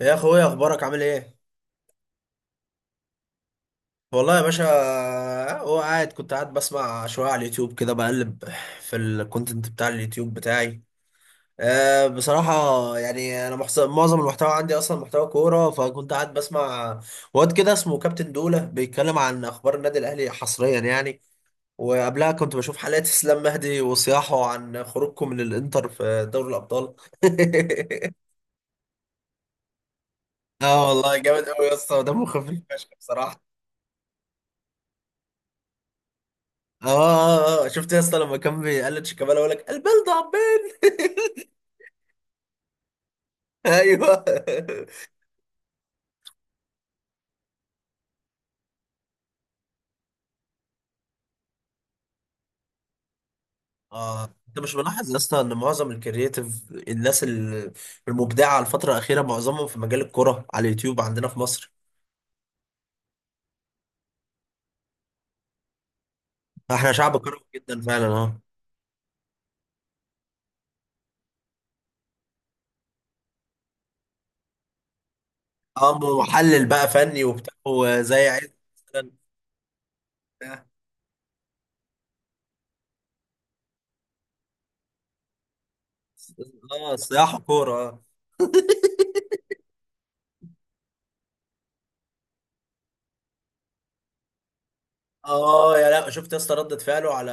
يا اخويا، اخبارك عامل ايه؟ والله يا باشا. هو قاعد كنت قاعد بسمع شويه على اليوتيوب كده، بقلب في الكونتنت بتاع اليوتيوب بتاعي. أه، بصراحه يعني انا معظم المحتوى عندي اصلا محتوى كوره، فكنت قاعد بسمع واد كده اسمه كابتن دوله بيتكلم عن اخبار النادي الاهلي حصريا يعني. وقبلها كنت بشوف حلقات اسلام مهدي وصياحه عن خروجكم من الانتر في دوري الابطال. اه والله، جامد قوي يا اسطى، دمه خفيف فشخ. اه، آه، آه. شفت يا اسطى لما كان بيقلد شيكابالا يقول لك البلد عبين؟ ايوه. اه، انت مش ملاحظ يا اسطى ان معظم الكرييتيف المبدعه الفتره الاخيره معظمهم في مجال الكره على اليوتيوب عندنا في مصر؟ احنا شعب كروي جدا فعلا. اه، اه، محلل بقى فني وبتاع وزي عيد مثلا. اه، صياح كوره. اه، يا لا، شفت يا اسطى ردة فعله على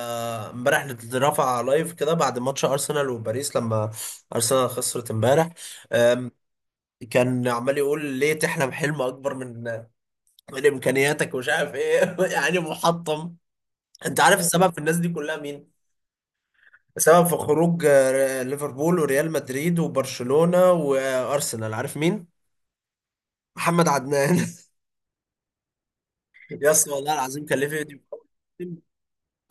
امبارح؟ رفع لايف كده بعد ماتش ارسنال وباريس لما ارسنال خسرت امبارح. أم، كان عمال يقول ليه تحلم حلم اكبر من امكانياتك، ومش عارف ايه. يعني محطم. انت عارف السبب في الناس دي كلها مين؟ السبب في خروج ليفربول وريال مدريد وبرشلونة وارسنال، عارف مين؟ محمد عدنان. يا اسطى، والله العظيم كان ليه فيديو.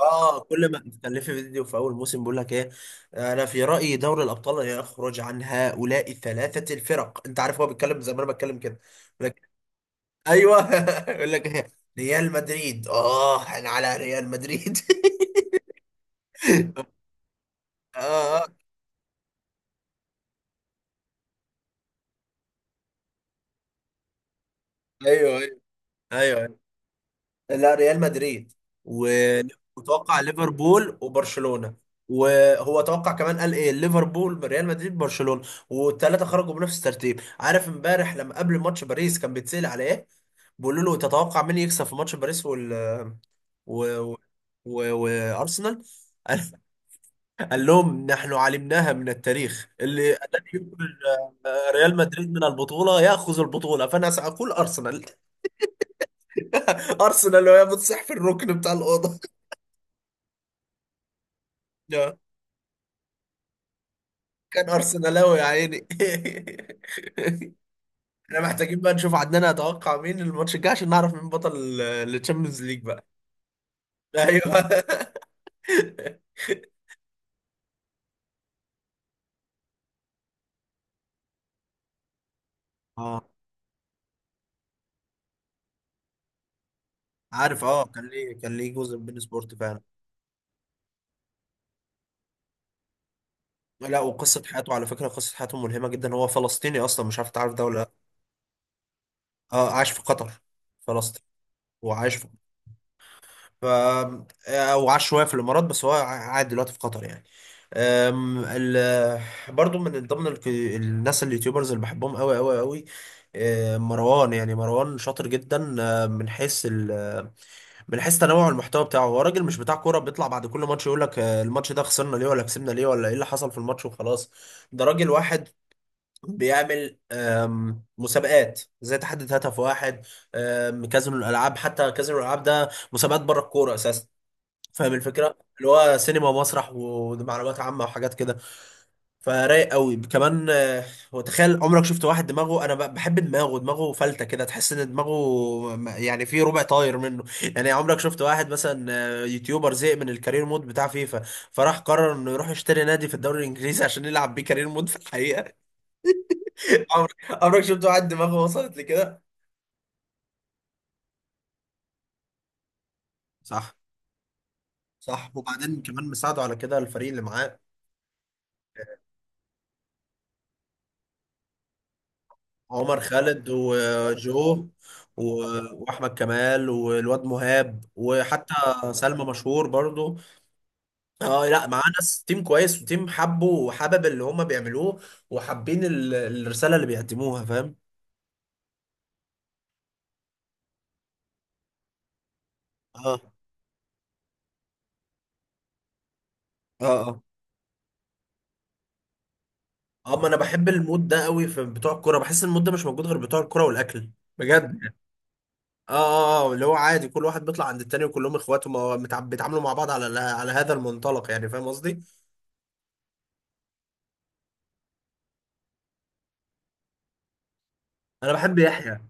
اه، كل ما بتكلفي فيديو في اول موسم، بيقول لك ايه؟ انا في رايي دوري الابطال يخرج عن هؤلاء الثلاثه الفرق، انت عارف هو بيتكلم زي ما انا بتكلم كده. يقول لك ايوه. يقول لك إيه؟ ريال مدريد. اه، انا على ريال مدريد. اه، آه. ايوه، ايوه، ايوه. لا، ريال مدريد و- وتوقع ليفربول وبرشلونة. وهو توقع كمان، قال ايه؟ ليفربول، ريال مدريد، برشلونة. والثلاثة خرجوا بنفس الترتيب. عارف امبارح لما قبل ماتش باريس كان بيتسأل على ايه؟ بيقولوا له تتوقع مين يكسب في ماتش باريس وال و... و... و... وارسنال. قال، قال لهم: نحن علمناها من التاريخ، اللي الذي يخرج ريال مدريد من البطولة يأخذ البطولة، فأنا سأقول أرسنال. أرسنال، وهي بتصح في الركن بتاع الأوضة. كان ارسنالاوي يا عيني. احنا محتاجين بقى نشوف عندنا اتوقع مين الماتش الجاي، عشان نعرف مين بطل التشامبيونز ليج بقى. ايوه. اه، عارف، اه كان ليه كان ليه جزء من بين سبورت فعلا. لا، وقصه حياته على فكره قصه حياته ملهمه جدا. هو فلسطيني اصلا، مش عارف تعرف ده ولا لا. اه، عاش في قطر، فلسطين، وعاش في ف او عاش شويه في الامارات، بس هو قاعد دلوقتي في قطر يعني. أم، ال... برضو من ضمن الناس اليوتيوبرز اللي بحبهم قوي قوي قوي، مروان. يعني مروان شاطر جدا. أه، من حيث ال... من حيث تنوع المحتوى بتاعه، هو راجل مش بتاع كوره بيطلع بعد كل ماتش يقول لك أه الماتش ده خسرنا ليه ولا كسبنا ليه ولا ايه اللي حصل في الماتش وخلاص. ده راجل واحد بيعمل مسابقات زي تحدي هدف واحد. كازينو الالعاب، حتى كازينو الالعاب ده مسابقات بره الكوره اساسا. فاهم الفكره؟ اللي هو سينما ومسرح ومعلومات عامه وحاجات كده. فرايق قوي كمان. وتخيل عمرك شفت واحد دماغه؟ انا بحب دماغه فلته كده، تحس ان دماغه يعني في ربع طاير منه. يعني عمرك شفت واحد مثلا، يوتيوبر زهق من الكارير مود بتاع فيفا، فراح قرر انه يروح يشتري نادي في الدوري الانجليزي عشان يلعب بيه كارير مود في الحقيقه؟ عمرك عمرك شفت واحد دماغه وصلت لكده؟ صح. صح، وبعدين كمان مساعده على كده الفريق اللي معاه. عمر خالد، وجو، واحمد كمال، والواد مهاب، وحتى سلمى مشهور برضو. اه، لا، معاه ناس تيم كويس وتيم حبه، وحبب اللي هما بيعملوه، وحابين الرساله اللي بيقدموها، فاهم؟ اه، اه، اه، اه. ما انا بحب المود ده قوي في بتوع الكوره، بحس المود ده مش موجود غير بتوع الكوره والاكل، بجد. اه، اه، اه، اللي هو عادي كل واحد بيطلع عند التاني، وكلهم اخوات، وما- متع- بيتعاملوا مع بعض على على هذا المنطلق يعني، فاهم قصدي؟ انا بحب يحيى.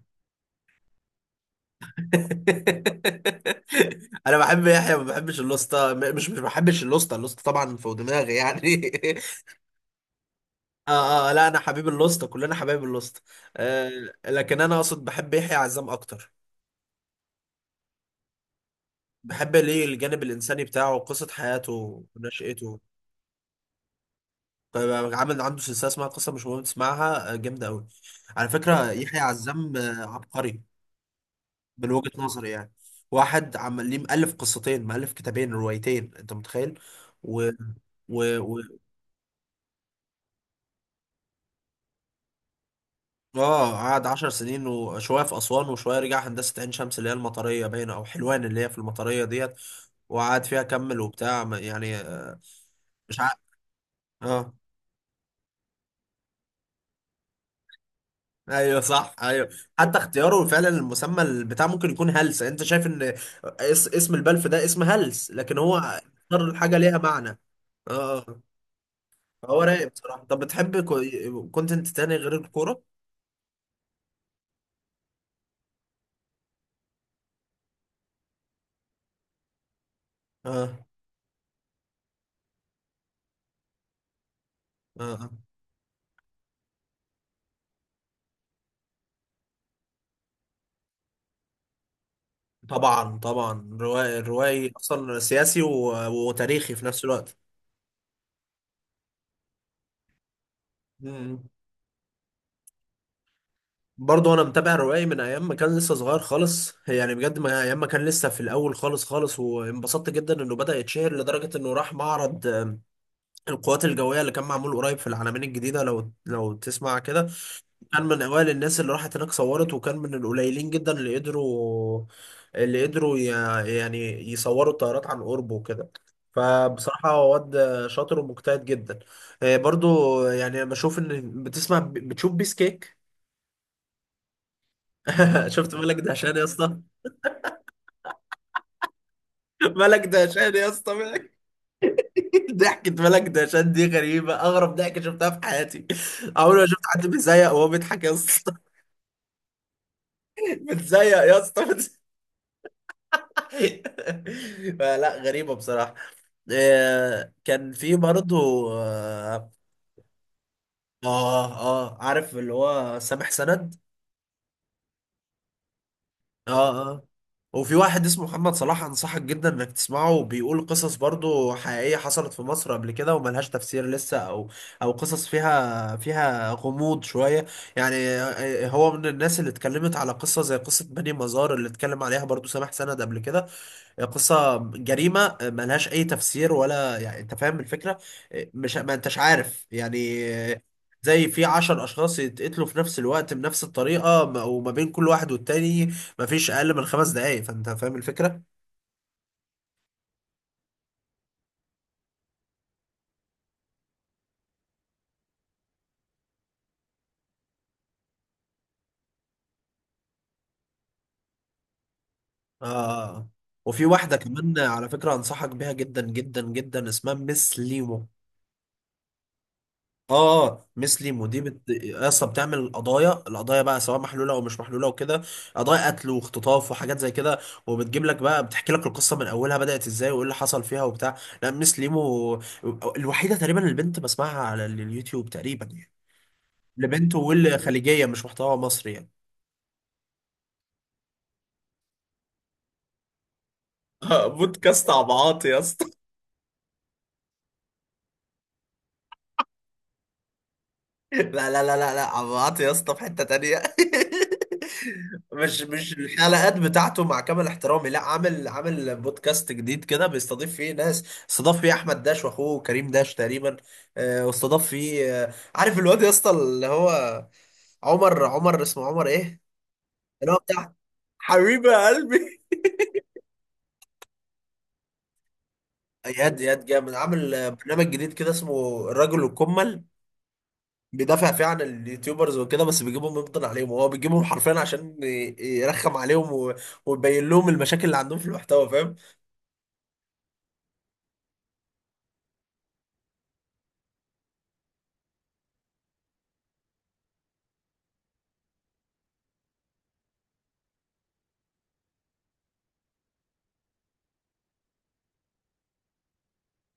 انا بحب يحيى، ما بحبش اللوسته، مش بحبش اللوسته، اللوسته طبعا فوق دماغي يعني. اه، اه، لا، انا حبيب اللوسته، كلنا حبايب اللوسته. آه، لكن انا اقصد بحب يحيى عزام اكتر. بحب ليه الجانب الانساني بتاعه، قصه حياته ونشأته. طيب، عامل عنده سلسله اسمها قصه، مش مهم تسمعها، جامده قوي. على فكره يحيى عزام عبقري من وجهه نظري يعني. واحد عمال ليه مؤلف قصتين، مؤلف كتابين روايتين، انت متخيل؟ و... و... و... اه، قعد 10 سنين وشوية في أسوان، وشوية رجع هندسة عين شمس اللي هي المطرية باينة، أو حلوان اللي هي في المطرية ديت، وقعد فيها كمل وبتاع يعني مش عارف. اه، ايوه صح، ايوه. حتى اختياره فعلا المسمى البتاع، ممكن يكون هلس، انت شايف ان اس اسم البلف ده اسم هلس، لكن هو اختار الحاجة ليها معنى. اه. هو رايق بصراحة. طب بتحب كونتنت تاني غير الكورة؟ اه، اه، آه. طبعا طبعا روائي، الروائي اصلا سياسي وتاريخي في نفس الوقت. مم. برضه انا متابع روائي من ايام ما كان لسه صغير خالص يعني، بجد ما ايام ما كان لسه في الاول خالص خالص، وانبسطت جدا انه بدأ يتشهر لدرجة انه راح معرض القوات الجوية اللي كان معمول قريب في العلمين الجديدة، لو تسمع كده. كان من اوائل الناس اللي راحت هناك صورت، وكان من القليلين جدا اللي قدروا، اللي قدروا يعني يصوروا الطيارات عن قرب وكده. فبصراحة هو واد شاطر ومجتهد جدا. برضو يعني، انا بشوف ان بتسمع بتشوف بيس كيك. شفت ملك دهشان يا اسطى؟ ملك دهشان يا اسطى، ملك. ضحكة ملك دهشان دي غريبة، اغرب ضحكة شفتها في حياتي. عمري ما شفت حد بيزيق وهو بيضحك يا اسطى. بتزيق يا اسطى، بتزيق. فلا، غريبة بصراحة. كان في برضه، اه، اه، عارف اللي هو سامح سند؟ اه. اه، وفي واحد اسمه محمد صلاح، انصحك جدا انك تسمعه، بيقول قصص برضه حقيقية حصلت في مصر قبل كده وملهاش تفسير لسه، او او قصص فيها فيها غموض شوية يعني. هو من الناس اللي اتكلمت على قصة زي قصة بني مزار اللي اتكلم عليها برضه سامح سند قبل كده. قصة جريمة ملهاش أي تفسير، ولا يعني، أنت فاهم الفكرة؟ مش ما أنتش عارف يعني؟ زي في 10 أشخاص يتقتلوا في نفس الوقت بنفس الطريقة، وما بين كل واحد والتاني مفيش أقل من 5 دقايق، فأنت فاهم الفكرة؟ آه. وفي واحدة كمان على فكرة، أنصحك بيها جدا جدا جدا، اسمها مس ليمو. اه، مسلم، ودي اصلا بتعمل قضايا، القضايا بقى سواء محلوله او مش محلوله وكده، قضايا قتل واختطاف وحاجات زي كده. وبتجيب لك بقى بتحكي لك القصه من اولها، بدات ازاي وايه اللي حصل فيها وبتاع. لا، مس ليمو الوحيده تقريبا البنت بسمعها على اليوتيوب تقريبا يعني، لبنت والخليجيه مش محتوى مصري يعني. بودكاست عبعاط يا اسطى. لا لا لا لا لا، عمرو يا اسطى في حتة تانية. مش مش الحلقات بتاعته مع كامل احترامي. لا، عامل عامل بودكاست جديد كده بيستضيف فيه ناس، استضاف فيه احمد داش واخوه كريم داش تقريبا، واستضاف فيه عارف الواد يا اسطى اللي هو عمر، عمر اسمه عمر ايه، اللي هو بتاع حبيبي يا قلبي. اياد، اياد جامد عامل برنامج جديد كده اسمه الرجل الكمل، بيدافع فيه عن اليوتيوبرز وكده، بس بيجيبهم يفضل عليهم، هو بيجيبهم حرفيا عشان يرخم عليهم، ويبين لهم المشاكل اللي عندهم في المحتوى، فاهم.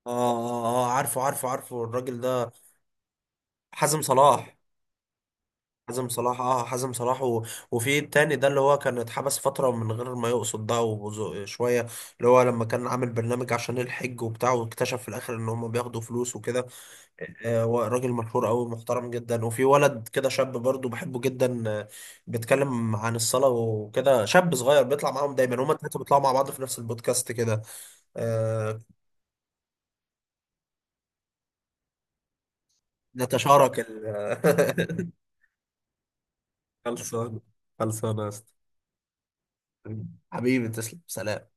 اه، اه، اه، عارفه عارفه عارفه الراجل ده، حازم صلاح. حازم صلاح، اه حازم صلاح وفي التاني ده اللي هو كان اتحبس فترة من غير ما يقصد ده، وشوية اللي هو لما كان عامل برنامج عشان الحج وبتاع، واكتشف في الآخر إن هم بياخدوا فلوس وكده. هو راجل مشهور قوي، محترم جدا. وفي ولد كده شاب برضو بحبه جدا، بيتكلم عن الصلاة وكده، شاب صغير بيطلع معاهم دايما، هما التلاتة بيطلعوا مع بعض في نفس البودكاست كده. آه، نتشارك ال خلصانة. خلصانة يا اسطى. حبيبي، تسلم، سلام.